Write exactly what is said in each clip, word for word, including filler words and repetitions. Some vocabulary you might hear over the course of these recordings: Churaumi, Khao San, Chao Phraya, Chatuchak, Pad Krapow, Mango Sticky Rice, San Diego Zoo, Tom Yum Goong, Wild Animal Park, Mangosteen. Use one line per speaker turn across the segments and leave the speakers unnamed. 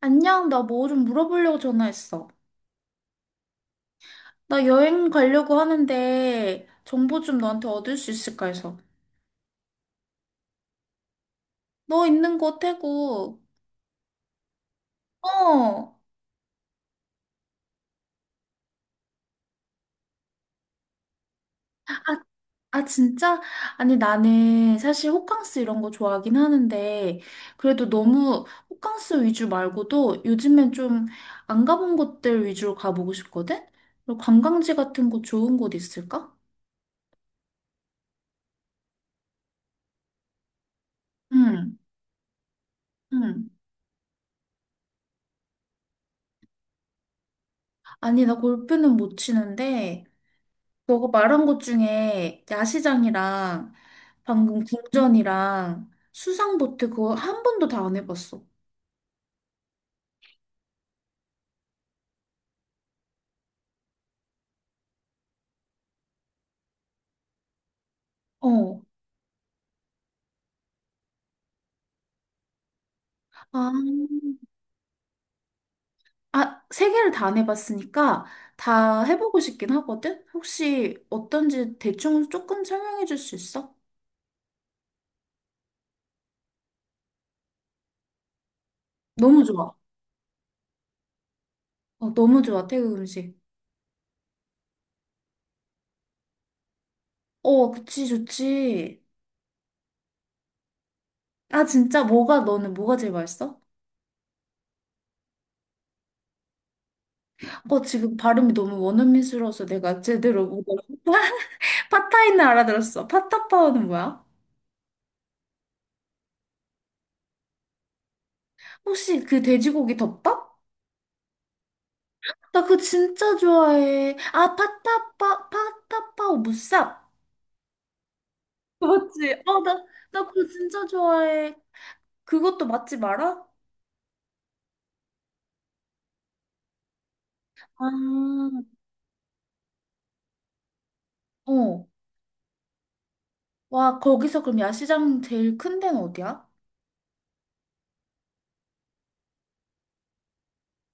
안녕, 나 뭐 좀 물어보려고 전화했어. 나 여행 가려고 하는데 정보 좀 너한테 얻을 수 있을까 해서. 너 있는 곳 태국. 어. 아, 아 진짜? 아니 나는 사실 호캉스 이런 거 좋아하긴 하는데 그래도 너무 호캉스 위주 말고도 요즘엔 좀 안 가본 곳들 위주로 가보고 싶거든? 그리고 관광지 같은 곳 좋은 곳 있을까? 응. 응. 아니 나 골프는 못 치는데 너가 말한 것 중에 야시장이랑 방금 궁전이랑 수상보트 그거 한 번도 다 안 해봤어. 어. 아, 아, 세 개를 다 안 해봤으니까 다 해보고 싶긴 하거든? 혹시 어떤지 대충 조금 설명해 줄 수 있어? 너무 좋아. 어, 너무 좋아, 태국 음식. 어, 그치, 좋지. 아, 진짜 뭐가 너는 뭐가 제일 맛있어? 어, 지금 발음이 너무 원어민스러워서 내가 제대로 못 알아. 팟타이는 알아들었어. 팟타파오는 뭐야? 혹시 그 돼지고기 덮밥? 나 그거 진짜 좋아해. 아, 파타파, 파타파오 무쌉. 맞지? 어, 나, 나 그거 진짜 좋아해. 그것도 맛집 알아? 아, 어. 와, 거기서 그럼 야시장 제일 큰 데는 어디야?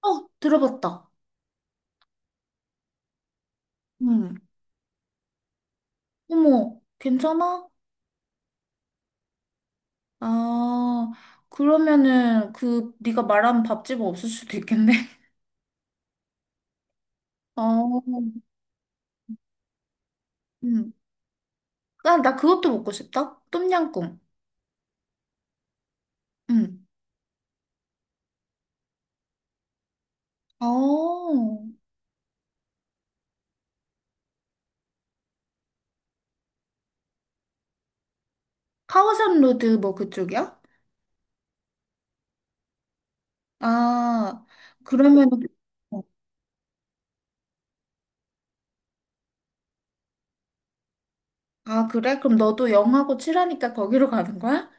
어, 들어봤다. 응. 어머, 괜찮아? 아, 그러면은 그 네가 말한 밥집은 없을 수도 있겠네. 어, 응. 나, 나 그것도 먹고 싶다. 똠양꿍. 응. 어, 카오산 로드 뭐 그쪽이야? 아, 그러면, 어, 아, 그래? 그럼 너도 영하고 칠하니까 거기로 가는 거야?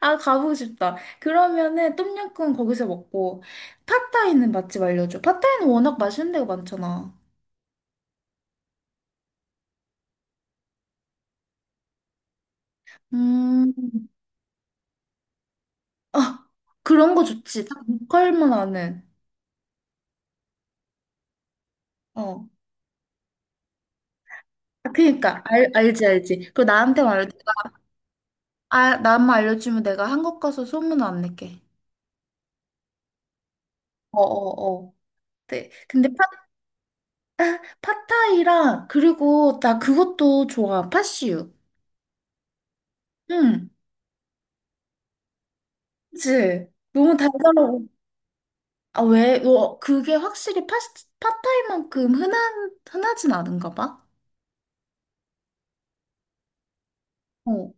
아, 가보고 싶다. 그러면은 똠양꿍 거기서 먹고, 팟타이는 맛집 알려줘. 팟타이는 워낙 맛있는 데가 많잖아. 음, 아, 그런 거 좋지. 딱 로컬만 아는. 어. 아, 그니까, 알, 알지, 알지. 그거 나한테 말해줘. 아, 나만 알려주면 내가 한국 가서 소문 안 낼게. 어어어. 근데 아, 팟타이랑 그리고 나 그것도 좋아. 팥슈. 응. 그치? 너무 달달하고. 아, 왜? 어, 그게 확실히 팟, 팟타이만큼 흔한, 흔하진 않은가 봐. 어,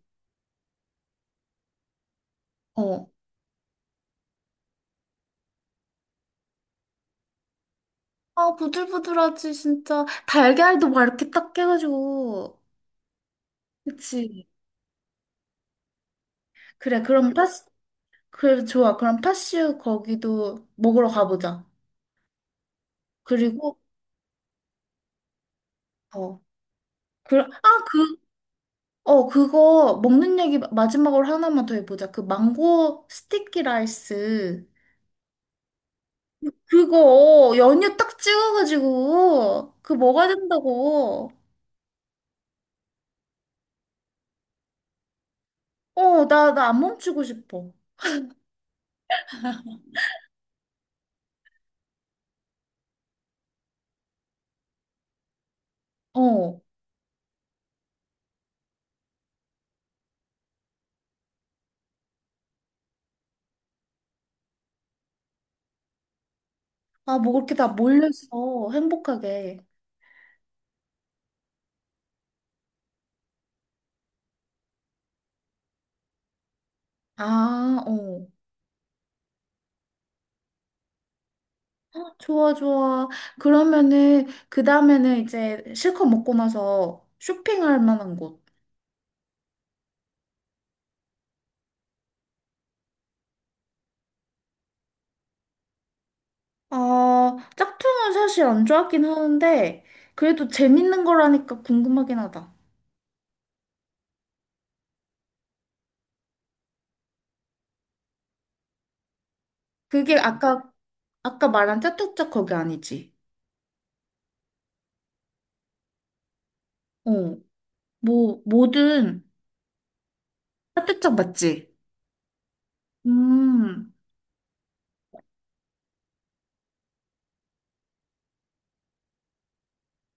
어. 아, 부들부들하지, 진짜. 달걀도 막 이렇게 딱 깨가지고. 그치? 그래, 그럼 팥, 그래, 좋아. 그럼 파슈 거기도 먹으러 가보자. 그리고, 어. 그, 아, 그 어, 그거 먹는 얘기 마지막으로 하나만 더 해보자. 그 망고 스티키 라이스. 그거 연유 딱 찍어가지고 그거 먹어야 된다고. 어, 나, 나 안 멈추고 싶어. 어. 아, 뭐 그렇게 다 몰려서 행복하게. 아, 어. 헉, 좋아, 좋아. 그러면은 그 다음에는 이제 실컷 먹고 나서 쇼핑할 만한 곳. 아, 짝퉁은 사실 안 좋아하긴 하는데, 그래도 재밌는 거라니까 궁금하긴 하다. 그게 아까, 아까 말한 짜뚜짝 거기 아니지? 어, 뭐, 뭐든 짜뚜짝 맞지? 음.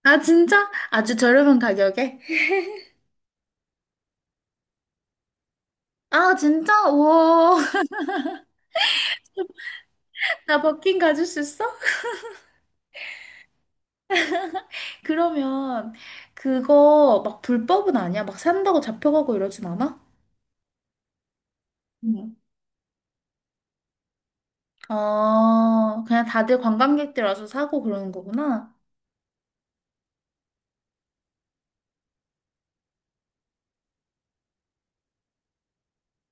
아, 진짜? 아주 저렴한 가격에? 아, 진짜? 우와. 나 버킨 가질 수 있어? 그러면 그거 막 불법은 아니야? 막 산다고 잡혀가고 이러진 않아? 응. 아, 그냥 다들 관광객들 와서 사고 그러는 거구나.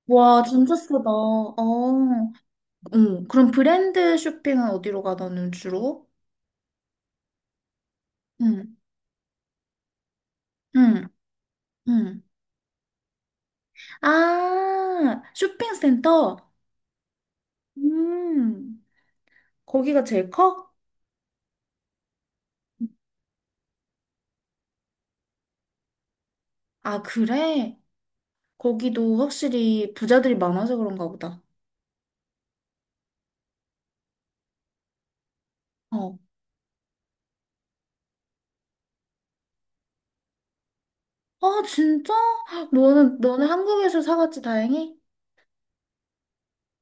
와, 진짜 싸다. 어, 응. 그럼 브랜드 쇼핑은 어디로 가, 너는 주로? 응, 응, 응. 아, 쇼핑센터? 음, 거기가 제일 커? 아, 그래? 거기도 확실히 부자들이 많아서 그런가 보다. 어. 아, 진짜? 너는, 너는 한국에서 사갔지, 다행히?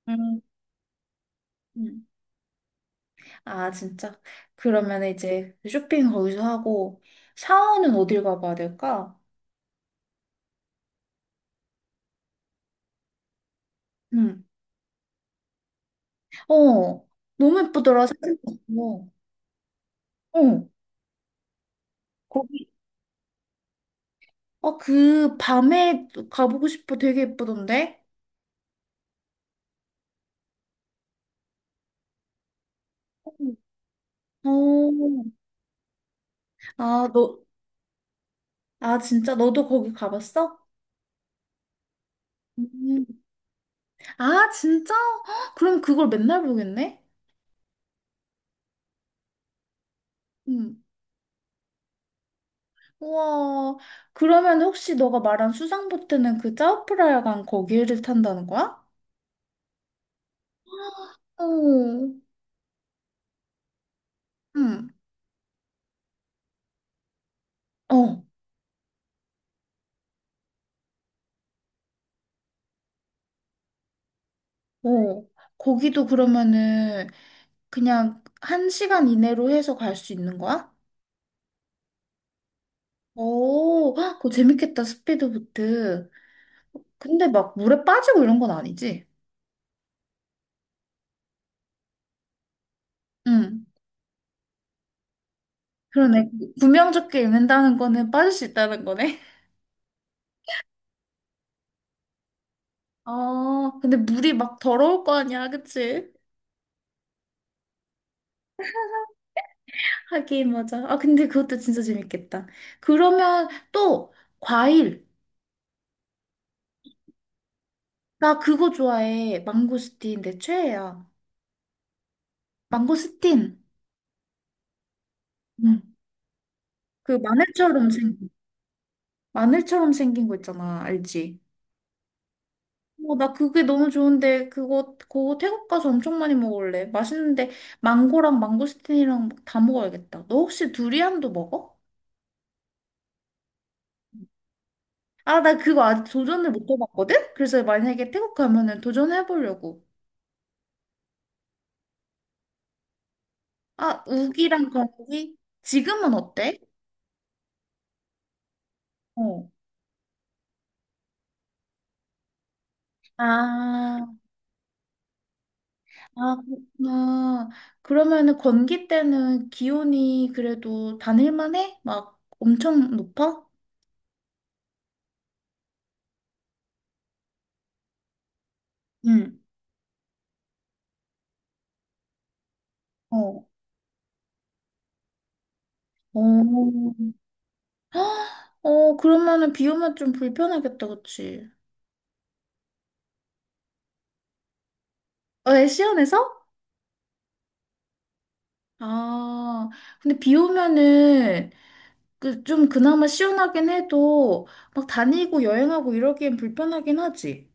응, 응. 아, 진짜? 그러면 이제 쇼핑 거기서 하고, 샤워는 어딜 가봐야 될까? 응. 어, 너무 예쁘더라, 사진 봤어. 어, 거기 아, 그 밤에 가보고 싶어. 되게 예쁘던데? 어, 아, 너, 아, 진짜 너도 거기 가봤어? 음, 아, 진짜? 헉, 그럼 그걸 맨날 보겠네? 음, 우와. 그러면 혹시 너가 말한 수상보트는 그 짜오프라야간 거기를 탄다는 거야? 어, 응, 어, 어. 거기도 그러면은 그냥 한 시간 이내로 해서 갈 수 있는 거야? 오, 헉, 그거 재밌겠다, 스피드보트. 근데 막 물에 빠지고 이런 건 아니지? 응. 그러네. 구명조끼 입는다는 거는 빠질 수 있다는 거네. 아, 근데 물이 막 더러울 거 아니야, 그치? 하긴, 맞아. 아, 근데 그것도 진짜 재밌겠다. 그러면 또, 과일. 나 그거 좋아해. 망고스틴, 내 최애야. 망고스틴. 응. 그 마늘처럼 생긴, 마늘처럼 생긴 거 있잖아, 알지? 어, 나 그게 너무 좋은데 그거 그거 태국 가서 엄청 많이 먹을래. 맛있는데 망고랑 망고스틴이랑 막다 먹어야겠다. 너 혹시 두리안도 먹어? 아, 나 그거 아직 도전을 못 해봤거든? 그래서 만약에 태국 가면은 도전해보려고. 아, 우기랑 거기? 지금은 어때? 어. 아, 아, 그렇구나. 그러면은 건기 때는 기온이 그래도 다닐만 해? 막 엄청 높아? 응. 어. 어. 헉, 어, 그러면은 비 오면 좀 불편하겠다, 그치? 어, 애 시원해서? 아, 근데 비 오면은 그 좀 그나마 시원하긴 해도 막 다니고 여행하고 이러기엔 불편하긴 하지.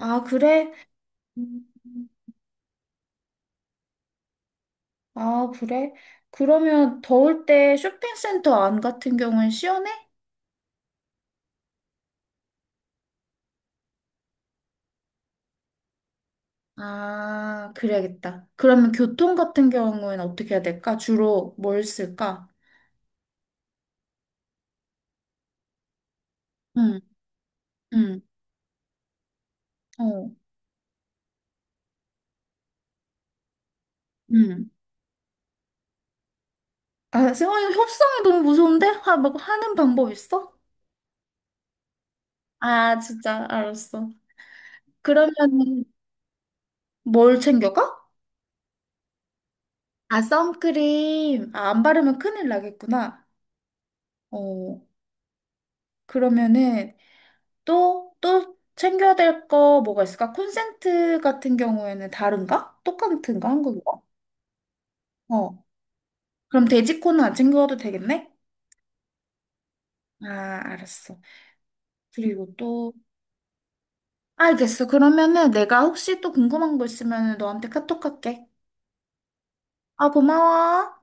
아, 그래? 음. 아, 그래? 그러면 더울 때 쇼핑센터 안 같은 경우엔 시원해? 아, 그래야겠다. 그러면 교통 같은 경우엔 어떻게 해야 될까? 주로 뭘 쓸까? 응, 응, 어, 응. 아, 세영아, 이 협상이 너무 무서운데? 하, 막 하는 방법 있어? 아, 진짜, 알았어. 그러면 뭘 챙겨가? 아, 선크림. 아, 안 바르면 큰일 나겠구나. 어, 그러면은 또, 또 챙겨야 될 거 뭐가 있을까? 콘센트 같은 경우에는 다른가? 똑같은가? 한국이가? 어, 그럼 돼지코는 안 챙겨가도 되겠네? 아, 알았어. 그리고 또, 알겠어. 그러면은 내가 혹시 또 궁금한 거 있으면 너한테 카톡 할게. 아, 고마워.